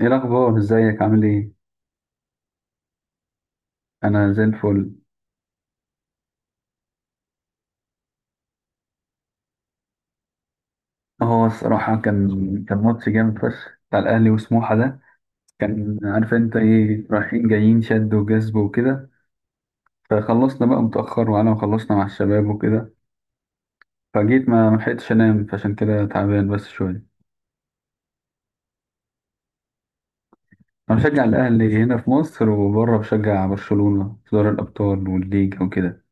ايه الاخبار؟ ازيك؟ عامل ايه؟ انا زي الفل. هو الصراحه كان ماتش جامد فشخ بتاع الاهلي وسموحه ده، كان عارف انت ايه، رايحين جايين، شد وجذب وكده. فخلصنا بقى متاخر، وانا وخلصنا مع الشباب وكده، فجيت ما لحقتش انام، فعشان كده تعبان بس شويه. انا بشجع الاهلي هنا في مصر، وبره بشجع برشلونه في دوري الابطال والليج وكده.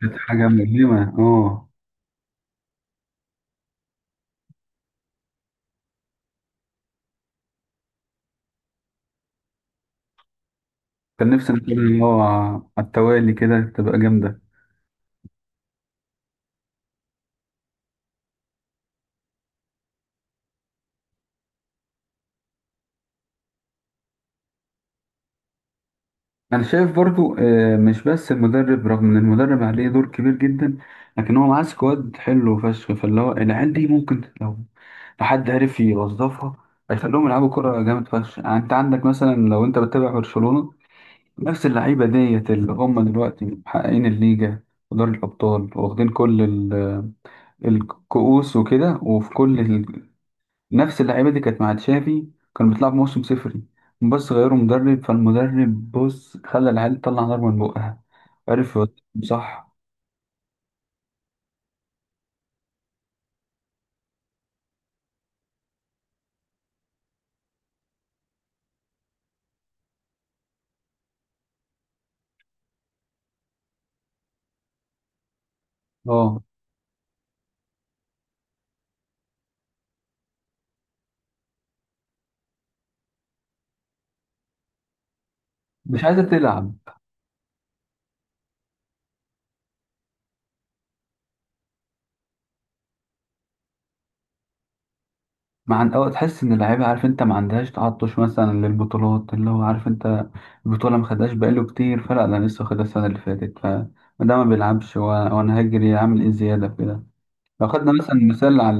كانت حاجه ملهمه، اه. كان نفسي ان كده، اه، على التوالي كده تبقى جامده. انا شايف برضو مش بس المدرب، رغم ان المدرب عليه دور كبير جدا، لكن هو معاه سكواد حلو فشخ، فاللي هو العيال دي ممكن لو حد عرف يوظفها هيخليهم يلعبوا كرة جامد فشخ. يعني انت عندك مثلا، لو انت بتتابع برشلونة، نفس اللعيبة ديت اللي هم دلوقتي محققين الليجا ودوري الأبطال، واخدين كل الكؤوس وكده، وفي نفس اللعيبه دي كانت مع تشافي كانوا بيطلعوا بموسم صفري، بس غيروا مدرب، فالمدرب بص خلى العيال تطلع نار من بقها، عرف يوظفهم، صح. اه، مش عايزه تلعب. مع أو تحس ان اللعيبه، عارف انت، ما عندهاش تعطش مثلا للبطولات، اللي هو عارف انت البطوله ما خدهاش بقاله كتير، فلا انا لسه خدها السنه اللي فاتت، فما ده ما بيلعبش، وانا هجري اعمل ايه زياده في كده. لو خدنا مثلا مثال على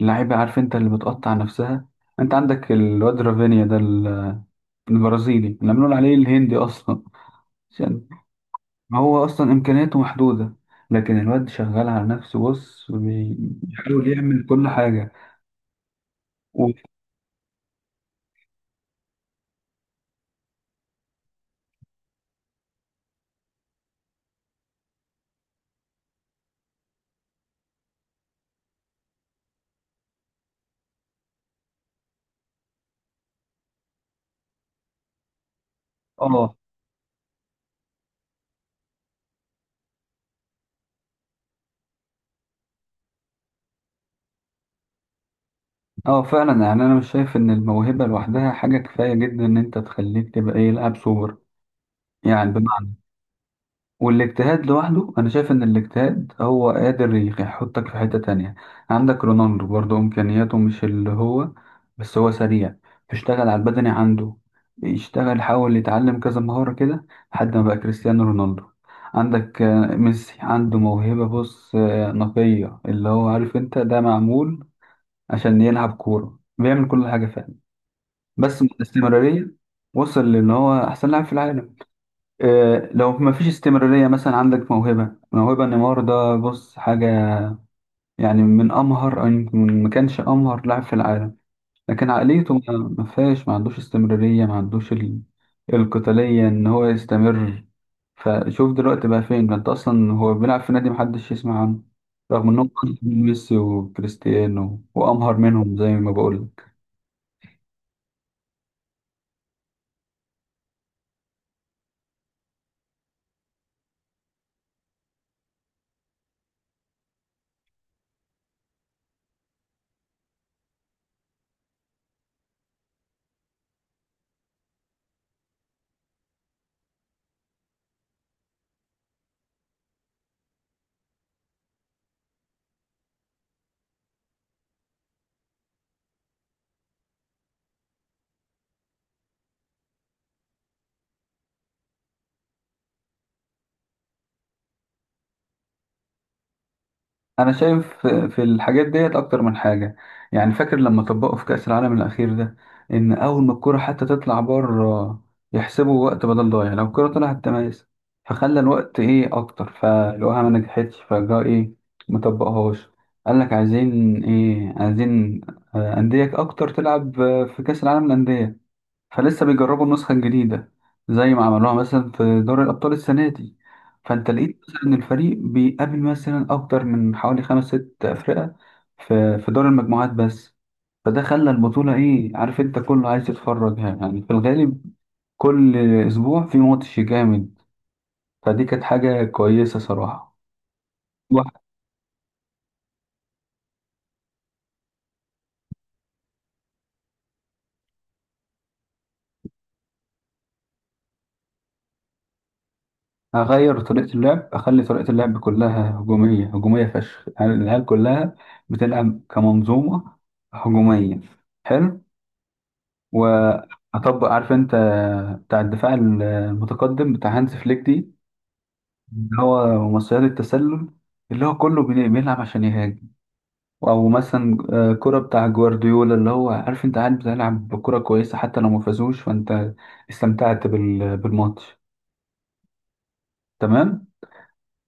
اللعيبه، عارف انت، اللي بتقطع نفسها، انت عندك الواد رافينيا ده البرازيلي، نعملون عليه الهندي اصلا، عشان هو اصلا امكانياته محدوده، لكن الواد شغال على نفسه، بص، بيحاول يعمل كل حاجه. و... اه، اه، فعلا. يعني انا مش شايف ان الموهبه لوحدها حاجه كفايه جدا ان انت تخليك تبقى ايه، لاعب سوبر، يعني، بمعنى، والاجتهاد لوحده انا شايف ان الاجتهاد هو قادر يحطك في حتة تانية. عندك رونالدو برضه امكانياته مش اللي هو، بس هو سريع، بيشتغل على البدني عنده، يشتغل، حاول يتعلم كذا مهارة كده لحد ما بقى كريستيانو رونالدو. عندك ميسي عنده موهبة، بص، نقية، اللي هو عارف انت ده معمول عشان يلعب كورة، بيعمل كل حاجة فعلا، بس من الاستمرارية وصل لان هو احسن لاعب في العالم. لو ما فيش استمرارية، مثلا عندك موهبة نيمار ده، بص، حاجة يعني من أمهر، أو يمكن ما كانش أمهر لاعب في العالم، لكن عقليته ما فيهاش، ما عندوش استمرارية، ما عندوش القتالية إن هو يستمر. فشوف دلوقتي بقى فين ده، أنت أصلا هو بيلعب في نادي محدش يسمع عنه، رغم إنهم أكتر من ميسي وكريستيانو وأمهر منهم، زي ما بقول. انا شايف في الحاجات ديت اكتر من حاجه. يعني فاكر لما طبقوا في كاس العالم الاخير ده، ان اول ما الكره حتى تطلع بره يحسبوا وقت بدل ضايع، لو الكره طلعت تميز، فخلى الوقت ايه، اكتر، فلقوها ما نجحتش، فجاء ايه، ما طبقهاش. قال لك عايزين ايه، عايزين انديه اكتر تلعب في كاس العالم للانديه، فلسه بيجربوا النسخة الجديدة زي ما عملوها مثلا في دوري الأبطال السنة دي. فأنت لقيت مثلا إن الفريق بيقابل مثلا أكتر من حوالي خمس ست أفرقة في دور المجموعات بس، فده خلى البطولة إيه، عارف أنت، كله عايز يتفرج. يعني يعني في الغالب كل أسبوع في ماتش جامد، فدي كانت حاجة كويسة صراحة. واحد، هغير طريقة اللعب، أخلي طريقة اللعب كلها هجومية هجومية فشخ، يعني العيال كلها بتلعب كمنظومة هجومية، حلو، وهطبق، عارف انت، بتاع الدفاع المتقدم بتاع هانز فليك دي، اللي هو مصيدة التسلل، اللي هو كله بيلعب عشان يهاجم. او مثلا كرة بتاع جوارديولا، اللي هو عارف انت قاعد بتلعب بكرة كويسة، حتى لو ما فازوش فانت استمتعت بالماتش، تمام.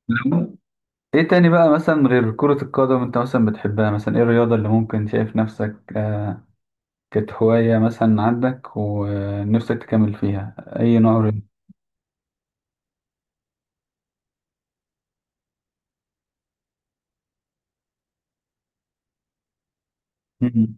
لو- ايه تاني بقى مثلا غير كرة القدم انت مثلا بتحبها، مثلا ايه الرياضة اللي ممكن شايف نفسك، كانت هواية مثلا عندك ونفسك تكمل فيها، اي نوع رياضة؟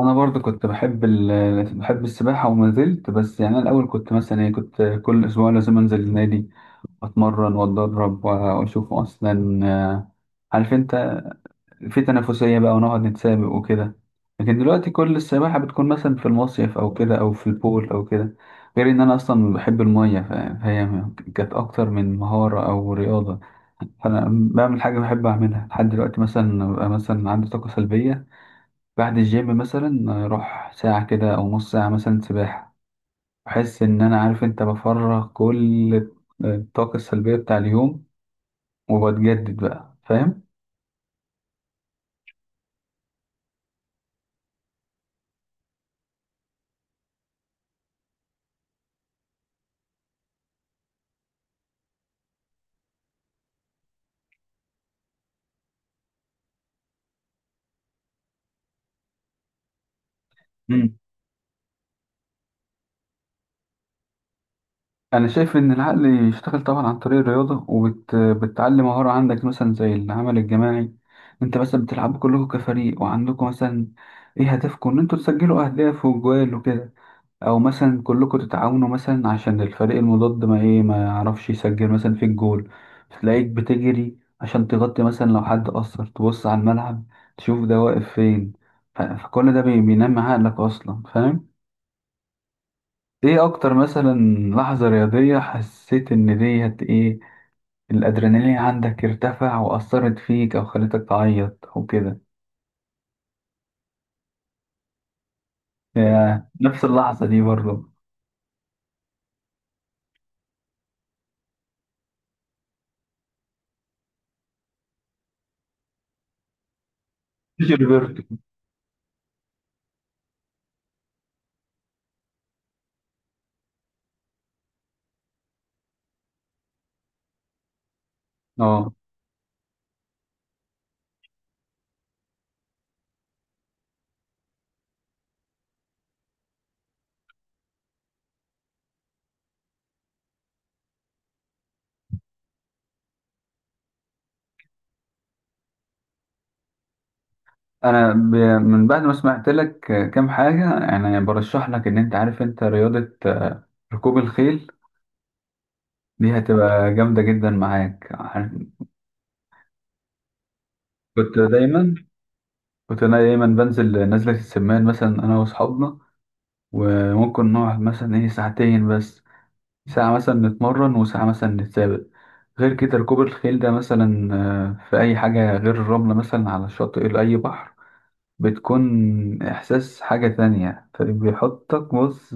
انا برضه كنت بحب بحب السباحه وما زلت، بس يعني انا الاول كنت مثلا ايه، كنت كل اسبوع لازم انزل النادي، اتمرن واتدرب، واشوف اصلا، عارف انت، في تنافسيه بقى، ونقعد نتسابق وكده. لكن دلوقتي كل السباحه بتكون مثلا في المصيف او كده، او في البول او كده. غير ان انا اصلا بحب الميه، فهي كانت اكتر من مهاره او رياضه، فانا بعمل حاجه بحب اعملها لحد دلوقتي. مثلا ببقى مثلا عندي طاقه سلبيه بعد الجيم، مثلا اروح ساعة كده او نص ساعة مثلا سباحة، بحس ان انا، عارف انت، بفرغ كل الطاقة السلبية بتاع اليوم، وبتجدد بقى، فاهم. مم. انا شايف ان العقل يشتغل طبعا عن طريق الرياضة، وبتعلم مهارة عندك مثلا زي العمل الجماعي. انت مثلا بتلعبوا كلكم كفريق، وعندكم مثلا ايه، هدفكم ان انتوا تسجلوا اهداف وجوال وكده، او مثلا كلكم تتعاونوا مثلا عشان الفريق المضاد ما يعرفش يسجل مثلا في الجول، تلاقيك بتجري عشان تغطي مثلا لو حد قصر، تبص على الملعب، تشوف ده واقف فين، فكل ده بينمي عقلك اصلا، فاهم. ايه اكتر مثلا لحظة رياضية حسيت ان ديت ايه، الادرينالين عندك ارتفع واثرت فيك او خلتك تعيط او كده؟ يا نفس اللحظة دي برضه. جيلبرتو. اه. انا ب... من بعد ما سمعت لك كام حاجه، يعني برشح لك ان انت، عارف انت، رياضه ركوب الخيل، دي هتبقى جامده جدا معاك، كنت دايما كنت انا دايما بنزل نزله السمان، مثلا انا واصحابنا، وممكن نقعد مثلا ايه ساعتين بس، ساعه مثلا نتمرن وساعه مثلا نتسابق. غير كده ركوب الخيل ده مثلا في اي حاجه، غير الرمله مثلا على الشاطئ لاي بحر، بتكون احساس حاجه تانية، فبيحطك بص،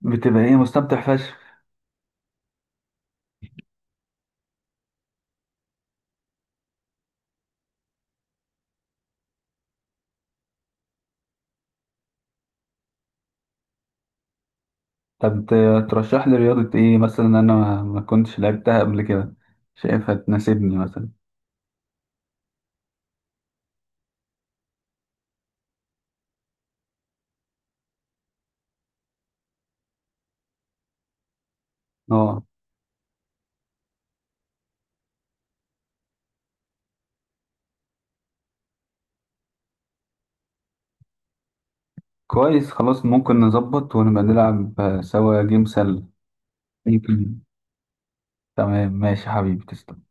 بتبقى ايه، مستمتع فشخ. طب ترشح لي رياضة ايه مثلا انا ما كنتش لعبتها قبل كده، شايفها تناسبني مثلا؟ اه، كويس، خلاص، ممكن نظبط ونبقى نلعب سوا جيم سله، ممكن. تمام، ماشي حبيبي، تسلم.